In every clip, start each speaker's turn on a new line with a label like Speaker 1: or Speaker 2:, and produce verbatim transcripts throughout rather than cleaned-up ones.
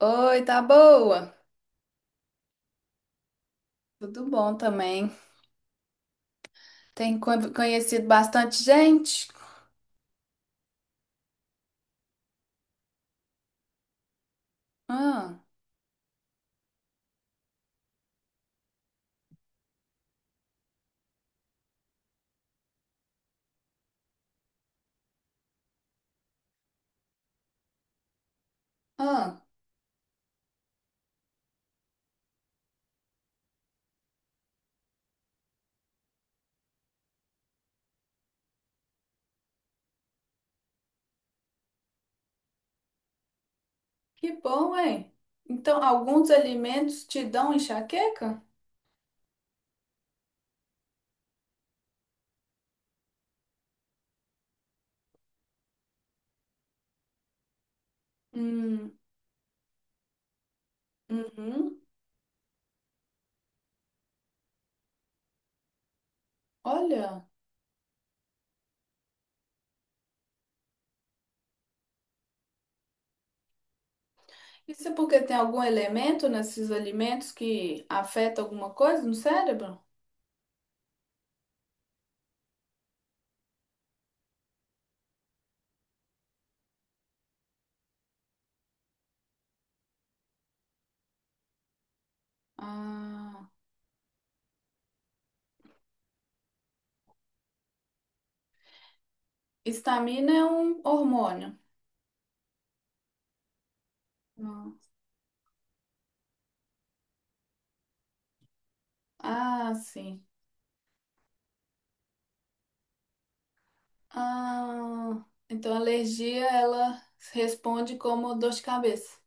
Speaker 1: Oi, tá boa? Tudo bom também. Tem con- conhecido bastante gente? Ah, ah, que bom, hein? Então, alguns alimentos te dão enxaqueca? Hum, uhum. Olha, isso é porque tem algum elemento nesses alimentos que afeta alguma coisa no cérebro? Ah, histamina é um hormônio. Ah, ah, sim. Ah, então a alergia ela responde como dor de cabeça.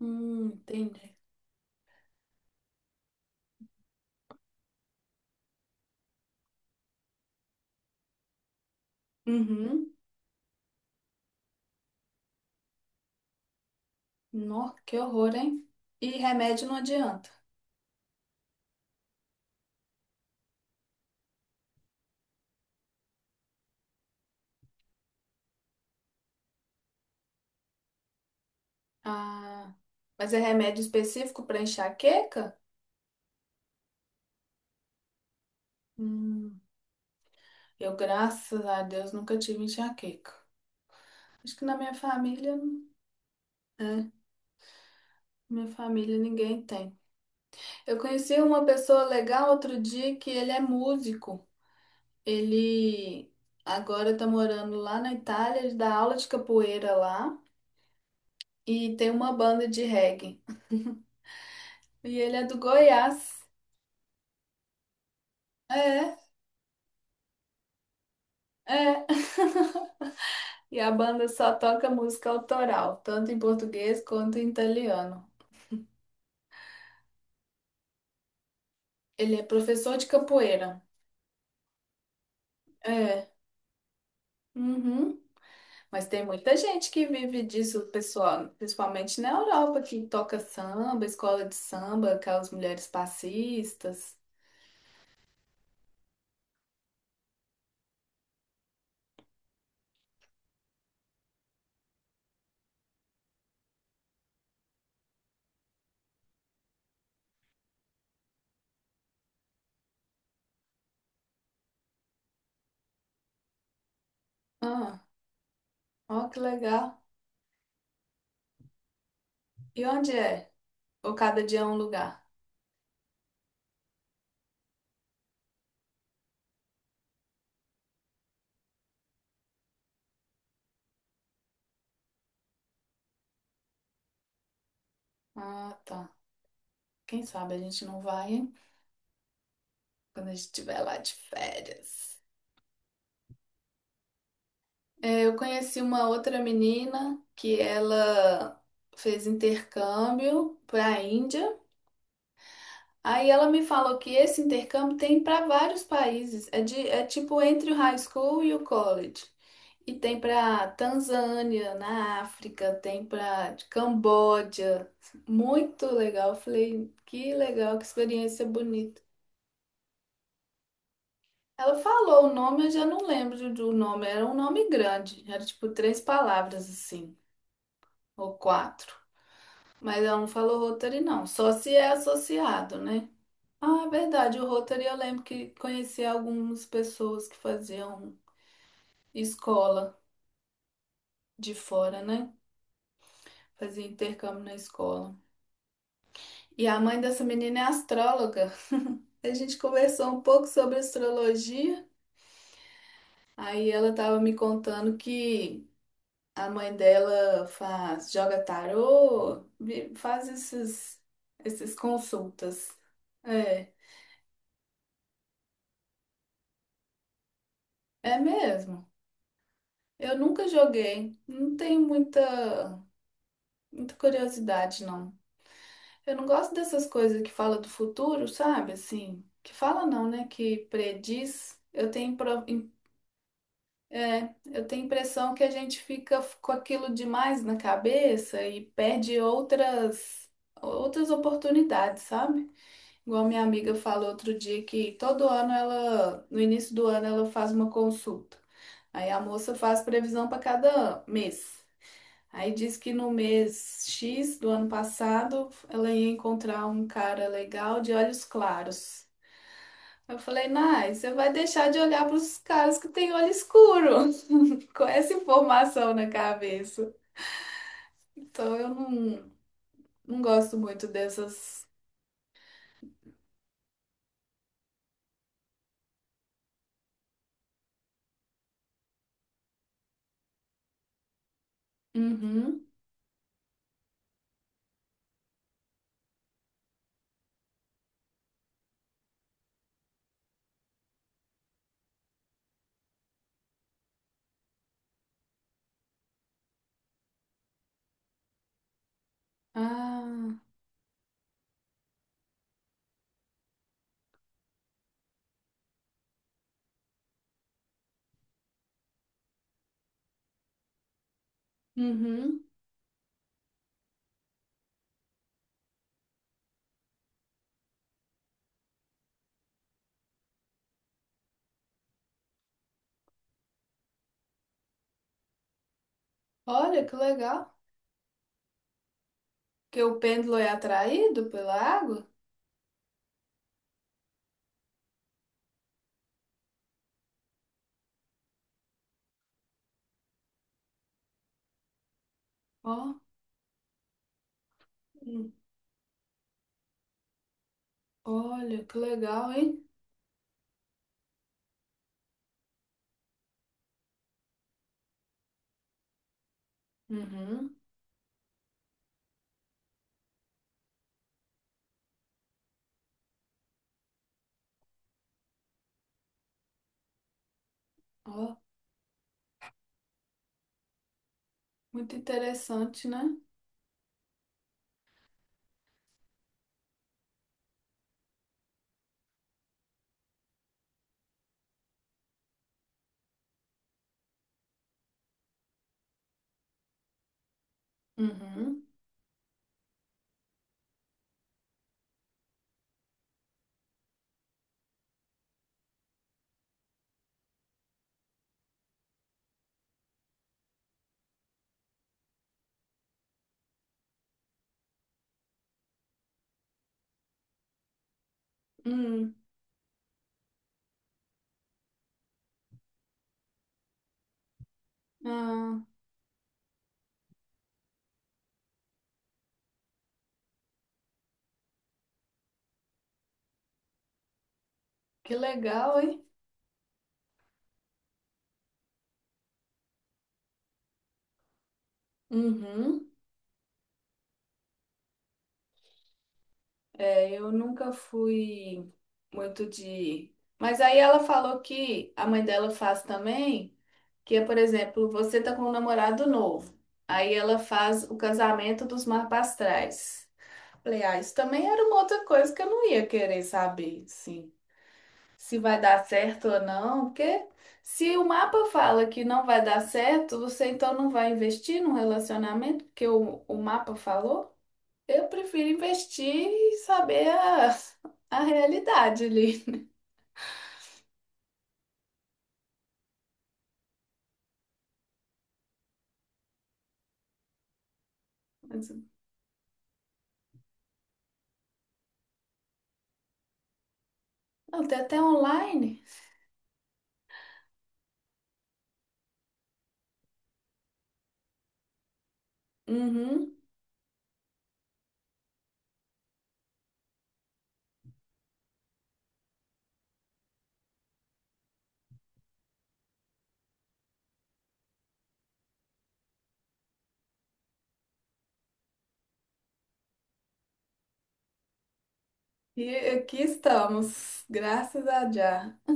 Speaker 1: Hum, entendi. Uhum. Nó, que horror, hein? E remédio não adianta. Ah, mas é remédio específico para enxaqueca? Hum, eu, graças a Deus, nunca tive enxaqueca. Acho que na minha família, é, minha família ninguém tem. Eu conheci uma pessoa legal outro dia que ele é músico. Ele agora tá morando lá na Itália, ele dá aula de capoeira lá e tem uma banda de reggae. E ele é do Goiás. É. É. E a banda só toca música autoral, tanto em português quanto em italiano. Ele é professor de capoeira. É. Uhum. Mas tem muita gente que vive disso, pessoal, principalmente na Europa, que toca samba, escola de samba, aquelas mulheres passistas. Ah, ó que legal. E onde é? Ou cada dia é um lugar? Ah, tá. Quem sabe a gente não vai, hein? Quando a gente estiver lá de férias. É, eu conheci uma outra menina que ela fez intercâmbio para a Índia. Aí ela me falou que esse intercâmbio tem para vários países. É, de, é tipo entre o high school e o college. E tem para Tanzânia, na África, tem para Camboja. Muito legal. Eu Falei, que legal, que experiência bonita. Ela falou o nome, eu já não lembro do nome. Era um nome grande. Era tipo três palavras assim, ou quatro. Mas ela não falou Rotary, não. Só se é associado, né? Ah, é verdade. O Rotary eu lembro que conheci algumas pessoas que faziam escola de fora, né? Fazia intercâmbio na escola. E a mãe dessa menina é astróloga. A gente conversou um pouco sobre astrologia. Aí ela estava me contando que a mãe dela faz, joga tarô, vi- faz esses, esses consultas. É, é mesmo. Eu nunca joguei, não tenho muita, muita curiosidade, não. Eu não gosto dessas coisas que fala do futuro, sabe? Assim, que fala não, né? Que prediz. Eu tenho, pro- im- é, eu tenho a impressão que a gente fica f- com aquilo demais na cabeça e perde outras, outras oportunidades, sabe? Igual minha amiga falou outro dia que todo ano ela, no início do ano, ela faz uma consulta. Aí a moça faz previsão para cada mês. Aí diz que no mês X do ano passado ela ia encontrar um cara legal de olhos claros. Eu falei, Nai, você vai deixar de olhar para os caras que têm olho escuro, com essa informação na cabeça. Então eu não, não gosto muito dessas. Uhum. Ah, uhum. Olha que legal. Que o pêndulo é atraído pela água. Ó, hum. olha que legal, hein? Uhum. Ó, muito interessante, né? Uhum. Hum, ah, que legal, hein? Uhum. É, eu nunca fui muito de. Mas aí ela falou que a mãe dela faz também, que é, por exemplo, você tá com um namorado novo. Aí ela faz o casamento dos marpastrais. Falei, ah, isso também era uma outra coisa que eu não ia querer saber, sim. Se vai dar certo ou não, porque se o mapa fala que não vai dar certo, você então não vai investir num relacionamento, porque o, o mapa falou? Eu prefiro investir e saber a, a realidade ali. Mas, não, tem até online. Uhum. E aqui estamos, graças a Jah.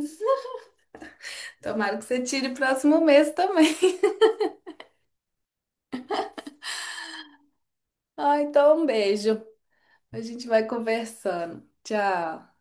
Speaker 1: Tomara que você tire o próximo mês também. Ah, então um beijo. A gente vai conversando. Tchau.